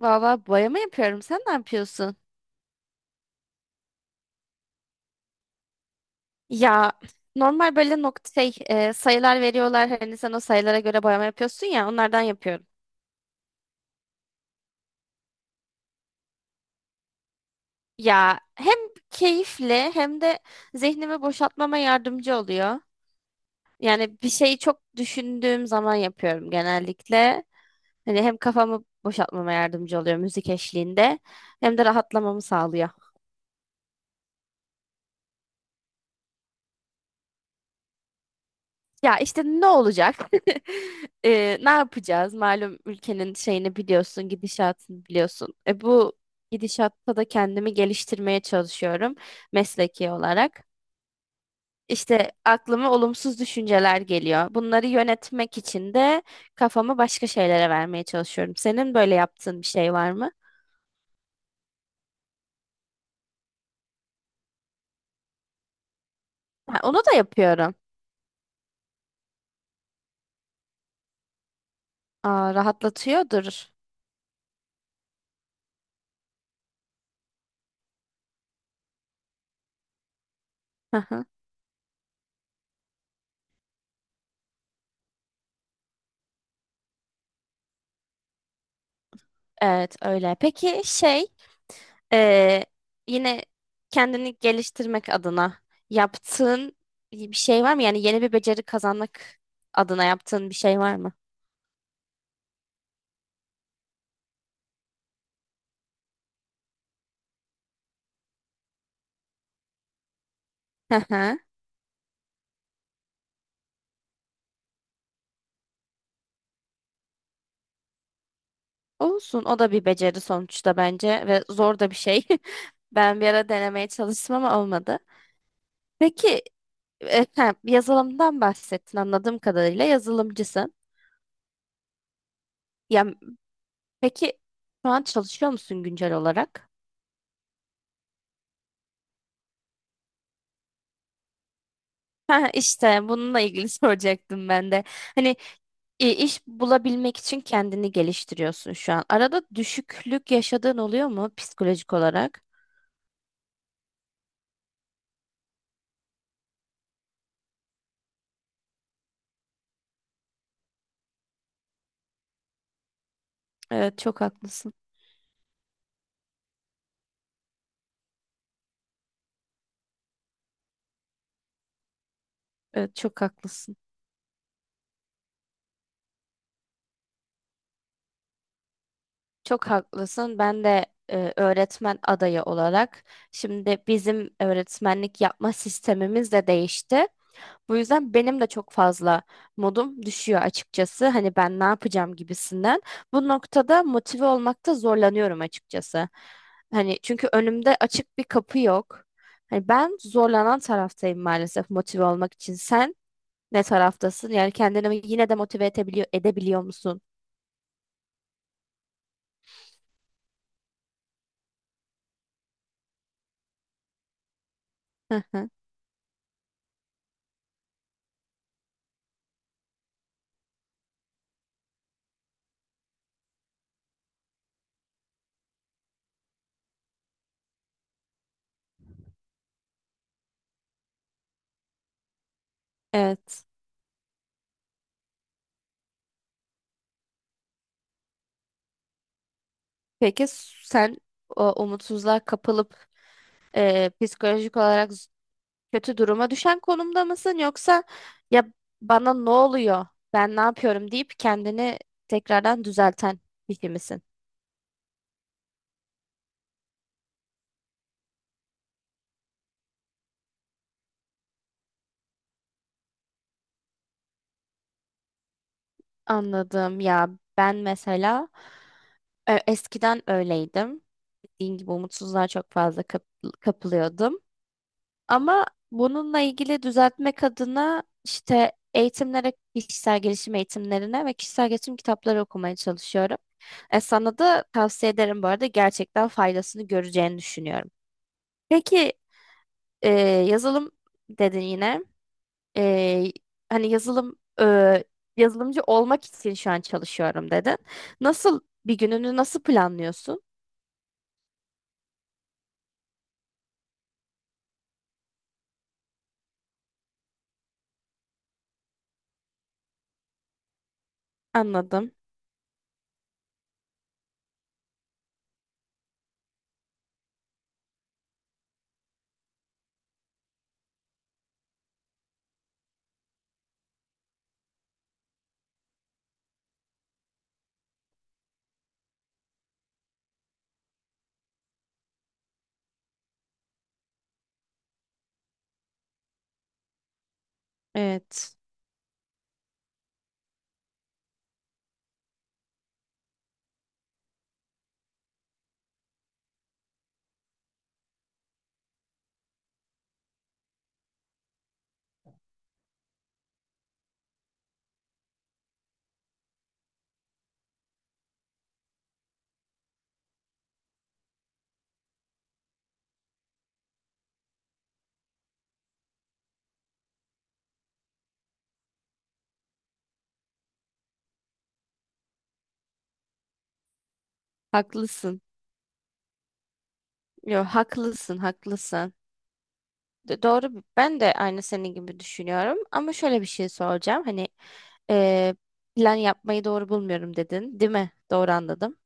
Valla boyama yapıyorum. Sen ne yapıyorsun? Ya normal böyle nokta sayılar veriyorlar. Hani sen o sayılara göre boyama yapıyorsun ya onlardan yapıyorum. Ya hem keyifli hem de zihnimi boşaltmama yardımcı oluyor. Yani bir şeyi çok düşündüğüm zaman yapıyorum genellikle. Hani hem kafamı boşaltmama yardımcı oluyor müzik eşliğinde hem de rahatlamamı sağlıyor. Ya işte ne olacak? Ne yapacağız? Malum ülkenin şeyini biliyorsun, gidişatını biliyorsun. Bu gidişatta da kendimi geliştirmeye çalışıyorum mesleki olarak. İşte aklıma olumsuz düşünceler geliyor. Bunları yönetmek için de kafamı başka şeylere vermeye çalışıyorum. Senin böyle yaptığın bir şey var mı? Ha, onu da yapıyorum. Aa, rahatlatıyordur. Hı hı. Evet öyle. Peki Ee, yine kendini geliştirmek adına yaptığın bir şey var mı? Yani yeni bir beceri kazanmak adına yaptığın bir şey var mı? Hı hı. Olsun. O da bir beceri sonuçta bence ve zor da bir şey. Ben bir ara denemeye çalıştım ama olmadı. Peki, yazılımdan bahsettin, anladığım kadarıyla yazılımcısın. Ya peki şu an çalışıyor musun güncel olarak? Ha, işte bununla ilgili soracaktım ben de. Hani iş bulabilmek için kendini geliştiriyorsun şu an. Arada düşüklük yaşadığın oluyor mu psikolojik olarak? Evet, çok haklısın. Evet, çok haklısın. Çok haklısın. Ben de öğretmen adayı olarak şimdi bizim öğretmenlik yapma sistemimiz de değişti. Bu yüzden benim de çok fazla modum düşüyor açıkçası. Hani ben ne yapacağım gibisinden. Bu noktada motive olmakta zorlanıyorum açıkçası. Hani çünkü önümde açık bir kapı yok. Hani ben zorlanan taraftayım maalesef motive olmak için. Sen ne taraftasın? Yani kendini yine de motive edebiliyor musun? Hı hı. Evet. Peki sen o umutsuzluğa kapılıp psikolojik olarak kötü duruma düşen konumda mısın, yoksa ya bana ne oluyor, ben ne yapıyorum deyip kendini tekrardan düzelten kişi misin? Anladım ya, ben mesela eskiden öyleydim. Dediğim gibi umutsuzluğa çok fazla kapılıyordum. Ama bununla ilgili düzeltmek adına işte eğitimlere, kişisel gelişim eğitimlerine ve kişisel gelişim kitapları okumaya çalışıyorum. Sana da tavsiye ederim, bu arada gerçekten faydasını göreceğini düşünüyorum. Peki e, yazılım dedin yine. E, hani, yazılımcı olmak için şu an çalışıyorum dedin. Nasıl Bir gününü nasıl planlıyorsun? Anladım. Evet. Haklısın. Yo, haklısın, haklısın. Doğru. Ben de aynı senin gibi düşünüyorum. Ama şöyle bir şey soracağım. Hani e, plan yapmayı doğru bulmuyorum dedin, değil mi? Doğru anladım.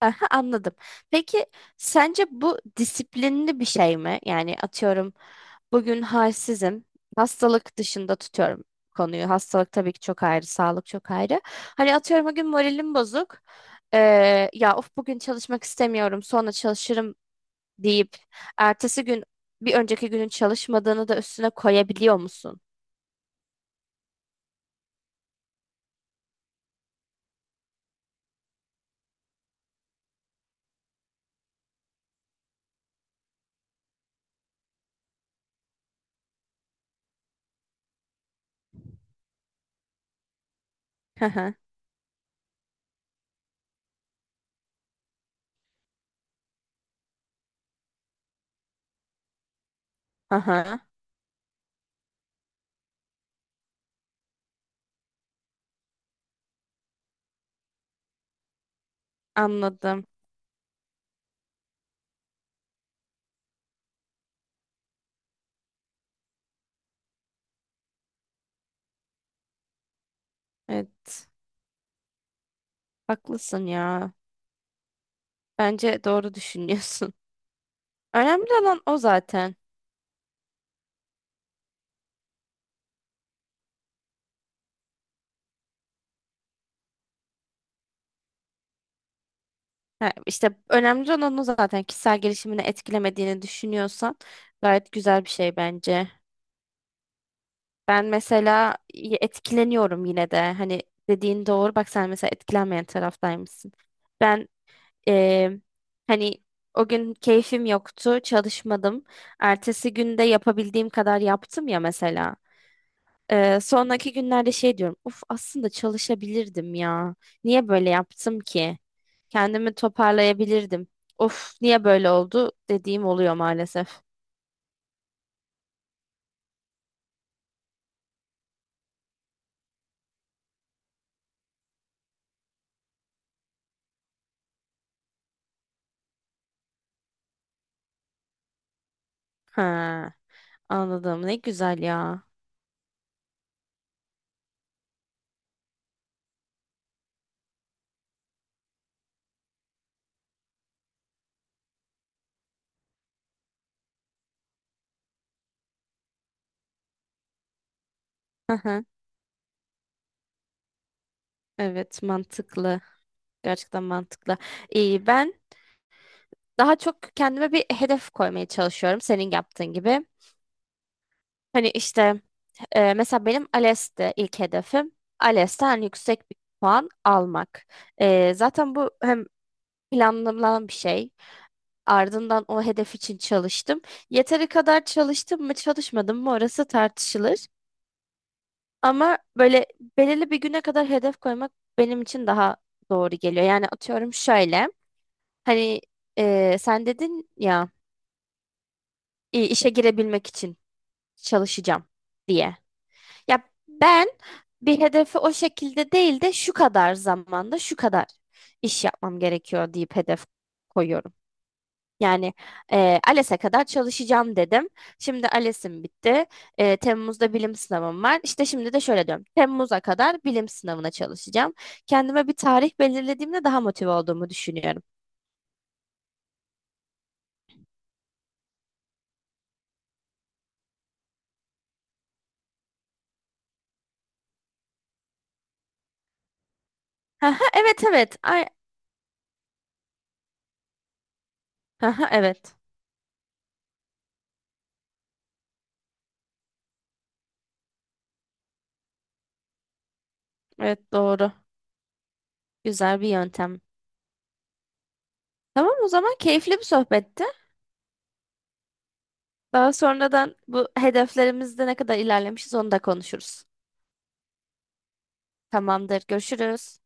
Aha, anladım. Peki sence bu disiplinli bir şey mi? Yani atıyorum, bugün halsizim. Hastalık dışında tutuyorum konuyu. Hastalık tabii ki çok ayrı, sağlık çok ayrı. Hani atıyorum, bugün moralim bozuk. Ya of bugün çalışmak istemiyorum, sonra çalışırım deyip ertesi gün bir önceki günün çalışmadığını da üstüne koyabiliyor musun? Hı hı. Aha, anladım. Evet, haklısın ya. Bence doğru düşünüyorsun. Önemli olan o zaten. Ha, işte önemli olan o zaten. Kişisel gelişimini etkilemediğini düşünüyorsan gayet güzel bir şey bence. Ben mesela etkileniyorum yine de. Hani dediğin doğru. Bak sen mesela etkilenmeyen taraftaymışsın. Ben eee, Hani o gün keyfim yoktu, çalışmadım. Ertesi günde yapabildiğim kadar yaptım ya mesela. Sonraki günlerde şey diyorum. Uf, aslında çalışabilirdim ya. Niye böyle yaptım ki? Kendimi toparlayabilirdim. Of, niye böyle oldu dediğim oluyor maalesef. Ha, anladım. Ne güzel ya. Hı hı. Evet, mantıklı. Gerçekten mantıklı. İyi, ben daha çok kendime bir hedef koymaya çalışıyorum senin yaptığın gibi. Hani, mesela benim ALES'te ilk hedefim ALES'ten yüksek bir puan almak. Zaten bu hem planlanan bir şey. Ardından o hedef için çalıştım. Yeteri kadar çalıştım mı, çalışmadım mı orası tartışılır. Ama böyle belirli bir güne kadar hedef koymak benim için daha doğru geliyor. Yani atıyorum şöyle. Hani, sen dedin ya işe girebilmek için çalışacağım diye. Ya ben bir hedefi o şekilde değil de şu kadar zamanda şu kadar iş yapmam gerekiyor deyip hedef koyuyorum. Yani, ALES'e kadar çalışacağım dedim. Şimdi ALES'im bitti. Temmuz'da bilim sınavım var. İşte şimdi de şöyle diyorum. Temmuz'a kadar bilim sınavına çalışacağım. Kendime bir tarih belirlediğimde daha motive olduğumu düşünüyorum. Haha, evet evet. Ay, haha, evet. Evet, doğru. Güzel bir yöntem. Tamam, o zaman keyifli bir sohbetti. Daha sonradan bu hedeflerimizde ne kadar ilerlemişiz onu da konuşuruz. Tamamdır. Görüşürüz.